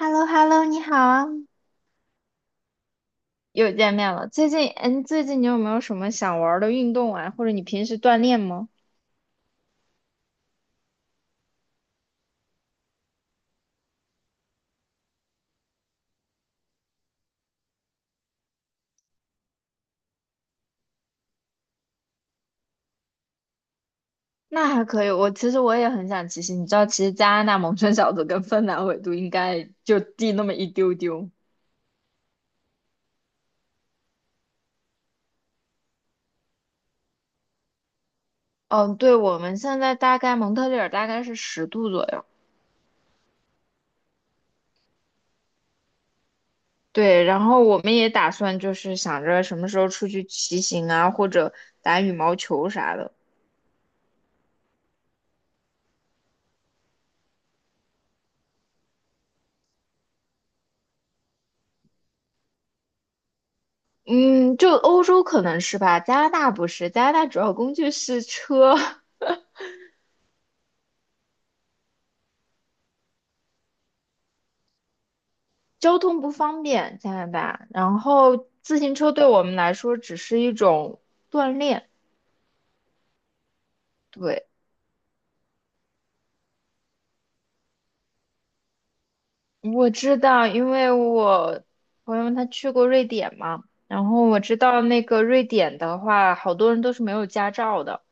h e l l o h e l l o 你好啊，又见面了。最近，最近你有没有什么想玩儿的运动啊？或者你平时锻炼吗？那还可以，我其实我也很想骑行。你知道，其实加拿大蒙春小组跟芬兰纬度应该就低那么一丢丢。嗯，对，我们现在大概蒙特利尔大概是10度左右。对，然后我们也打算就是想着什么时候出去骑行啊，或者打羽毛球啥的。嗯，就欧洲可能是吧，加拿大不是，加拿大主要工具是车。交通不方便，加拿大。然后自行车对我们来说只是一种锻炼。对，我知道，因为我朋友他去过瑞典嘛，然后我知道那个瑞典的话，好多人都是没有驾照的。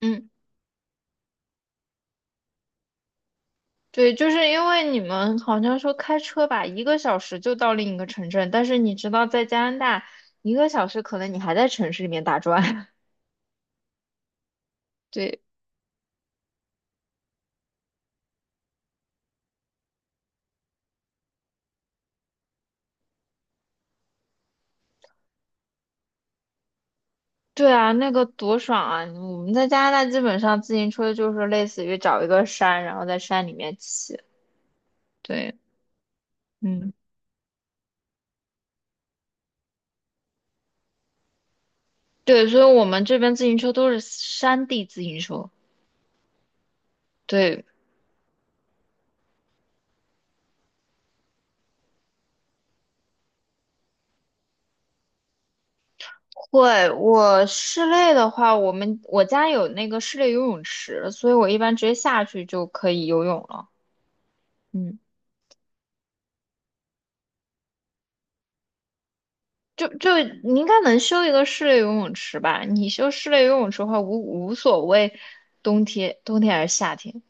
嗯，对，就是因为你们好像说开车吧，一个小时就到另一个城镇，但是你知道在加拿大，一个小时可能你还在城市里面打转。对。对啊，那个多爽啊！我们在加拿大基本上自行车就是类似于找一个山，然后在山里面骑。对，嗯，对，所以我们这边自行车都是山地自行车。对，会。我室内的话，我们我家有那个室内游泳池，所以我一般直接下去就可以游泳了。嗯，就你应该能修一个室内游泳池吧？你修室内游泳池的话，无所谓冬天还是夏天。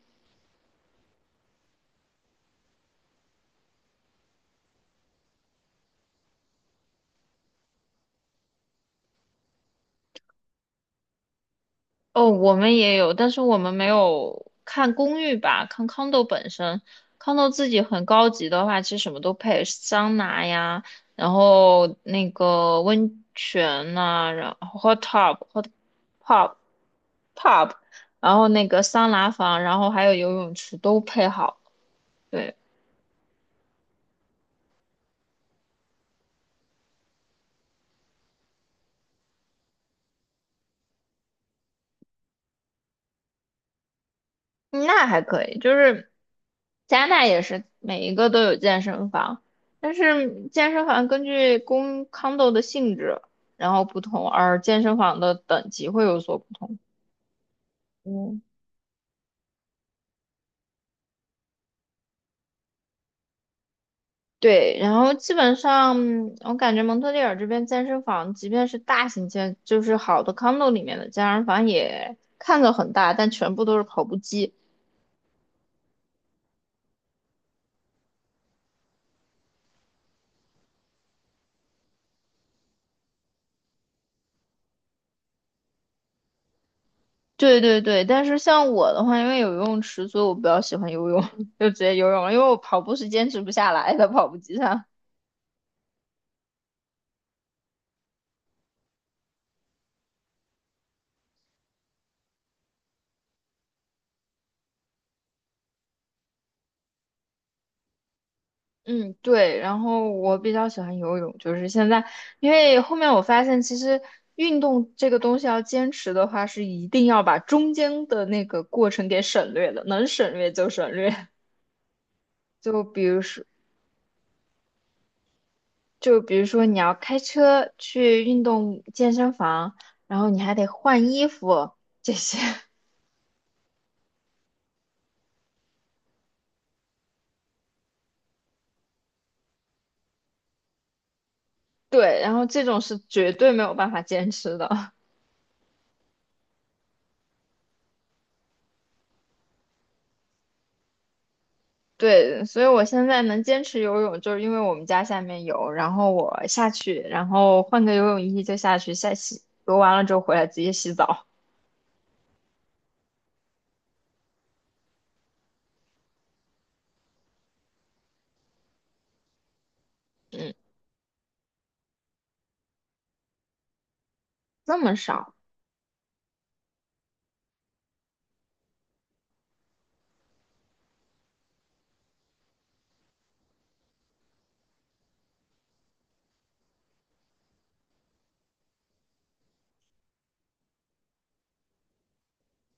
哦，我们也有，但是我们没有看公寓吧，看 condo 本身。condo 自己很高级的话，其实什么都配，桑拿呀，然后那个温泉呐、然后 hot tub、hot pub、pub，然后那个桑拿房，然后还有游泳池都配好了。对，嗯那还可以，就是加拿大也是每一个都有健身房，但是健身房根据公 condo 的性质，然后不同，而健身房的等级会有所不同。嗯，对，然后基本上我感觉蒙特利尔这边健身房，即便是大型健，就是好的 condo 里面的健身房也看着很大，但全部都是跑步机。对对对，但是像我的话，因为有游泳池，所以我比较喜欢游泳，就直接游泳了，因为我跑步是坚持不下来的，跑步机上。嗯，对，然后我比较喜欢游泳，就是现在，因为后面我发现，其实运动这个东西要坚持的话，是一定要把中间的那个过程给省略的，能省略就省略。就比如说，就比如说你要开车去运动健身房，然后你还得换衣服这些。对，然后这种是绝对没有办法坚持的。对，所以我现在能坚持游泳，就是因为我们家下面有，然后我下去，然后换个游泳衣就下去下洗，游完了之后回来直接洗澡。嗯，这么少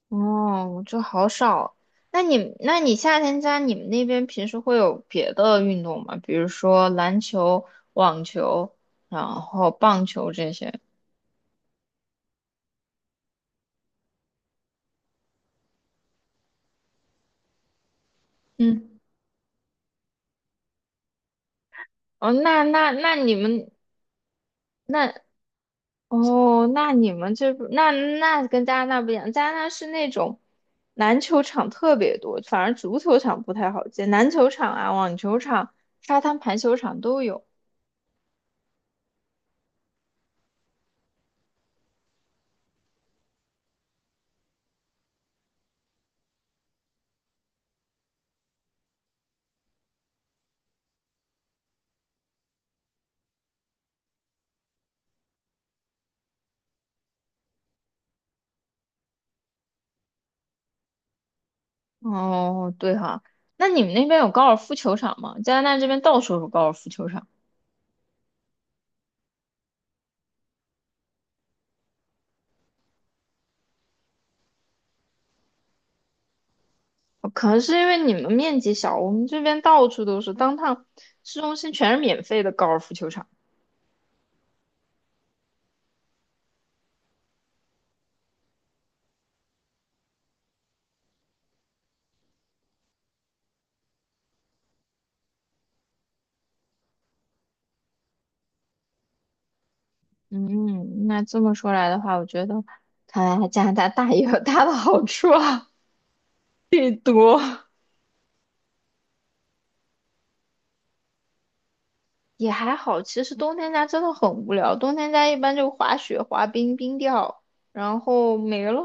哦，我就好少。那你夏天家你们那边平时会有别的运动吗？比如说篮球、网球，然后棒球这些？嗯，哦，那那那你们那哦，那你们这不那那跟加拿大不一样，加拿大是那种篮球场特别多，反而足球场不太好建，篮球场啊、网球场、沙滩排球场都有。哦，对哈，那你们那边有高尔夫球场吗？加拿大这边到处有高尔夫球场，哦可能是因为你们面积小，我们这边到处都是，当趟市中心全是免费的高尔夫球场。嗯，那这么说来的话，我觉得看来加拿大大也有大的好处啊。最多。也还好。其实冬天家真的很无聊，冬天家一般就滑雪、滑冰、冰钓，然后没了。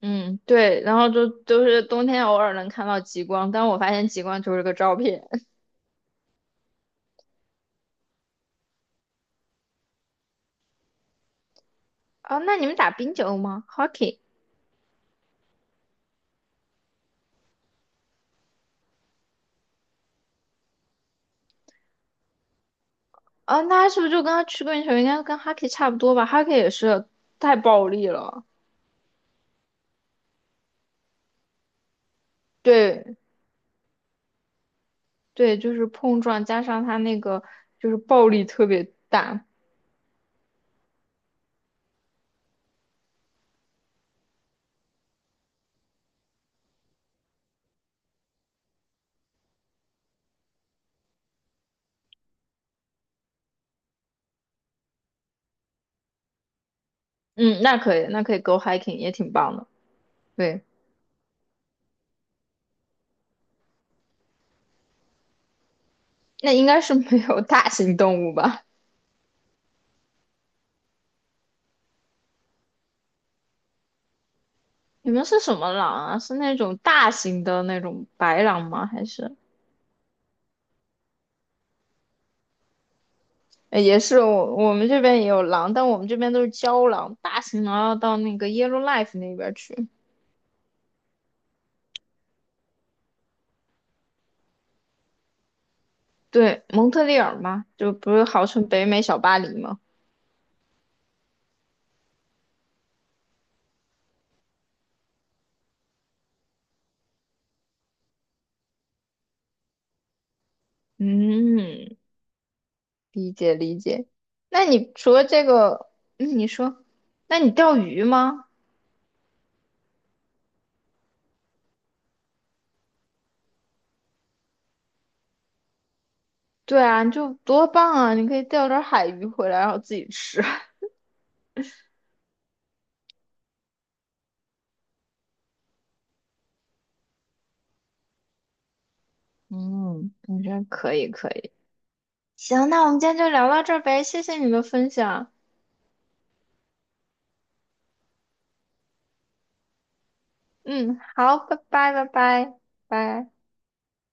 嗯，对，然后就都是冬天偶尔能看到极光，但我发现极光就是个照片。啊。那你们打冰球吗？Hockey？啊，那是不是就跟他曲棍球应该跟 Hockey 差不多吧？Hockey 也是太暴力了。对对，就是碰撞加上他那个就是暴力特别大。嗯，那可以，那可以 go hiking 也挺棒的。对。那应该是没有大型动物吧？你们是什么狼啊？是那种大型的那种白狼吗？还是也是我们这边也有狼，但我们这边都是郊狼，大型狼要到那个 Yellowkife 那边去。对，蒙特利尔嘛，就不是号称北美小巴黎吗？嗯，理解理解。那你除了这个，嗯，你说，那你钓鱼吗？对啊，你就多棒啊！你可以钓点海鱼回来，然后自己吃。嗯，感觉可以可以。行，那我们今天就聊到这儿呗，谢谢你的分享。嗯，好，拜拜拜拜拜。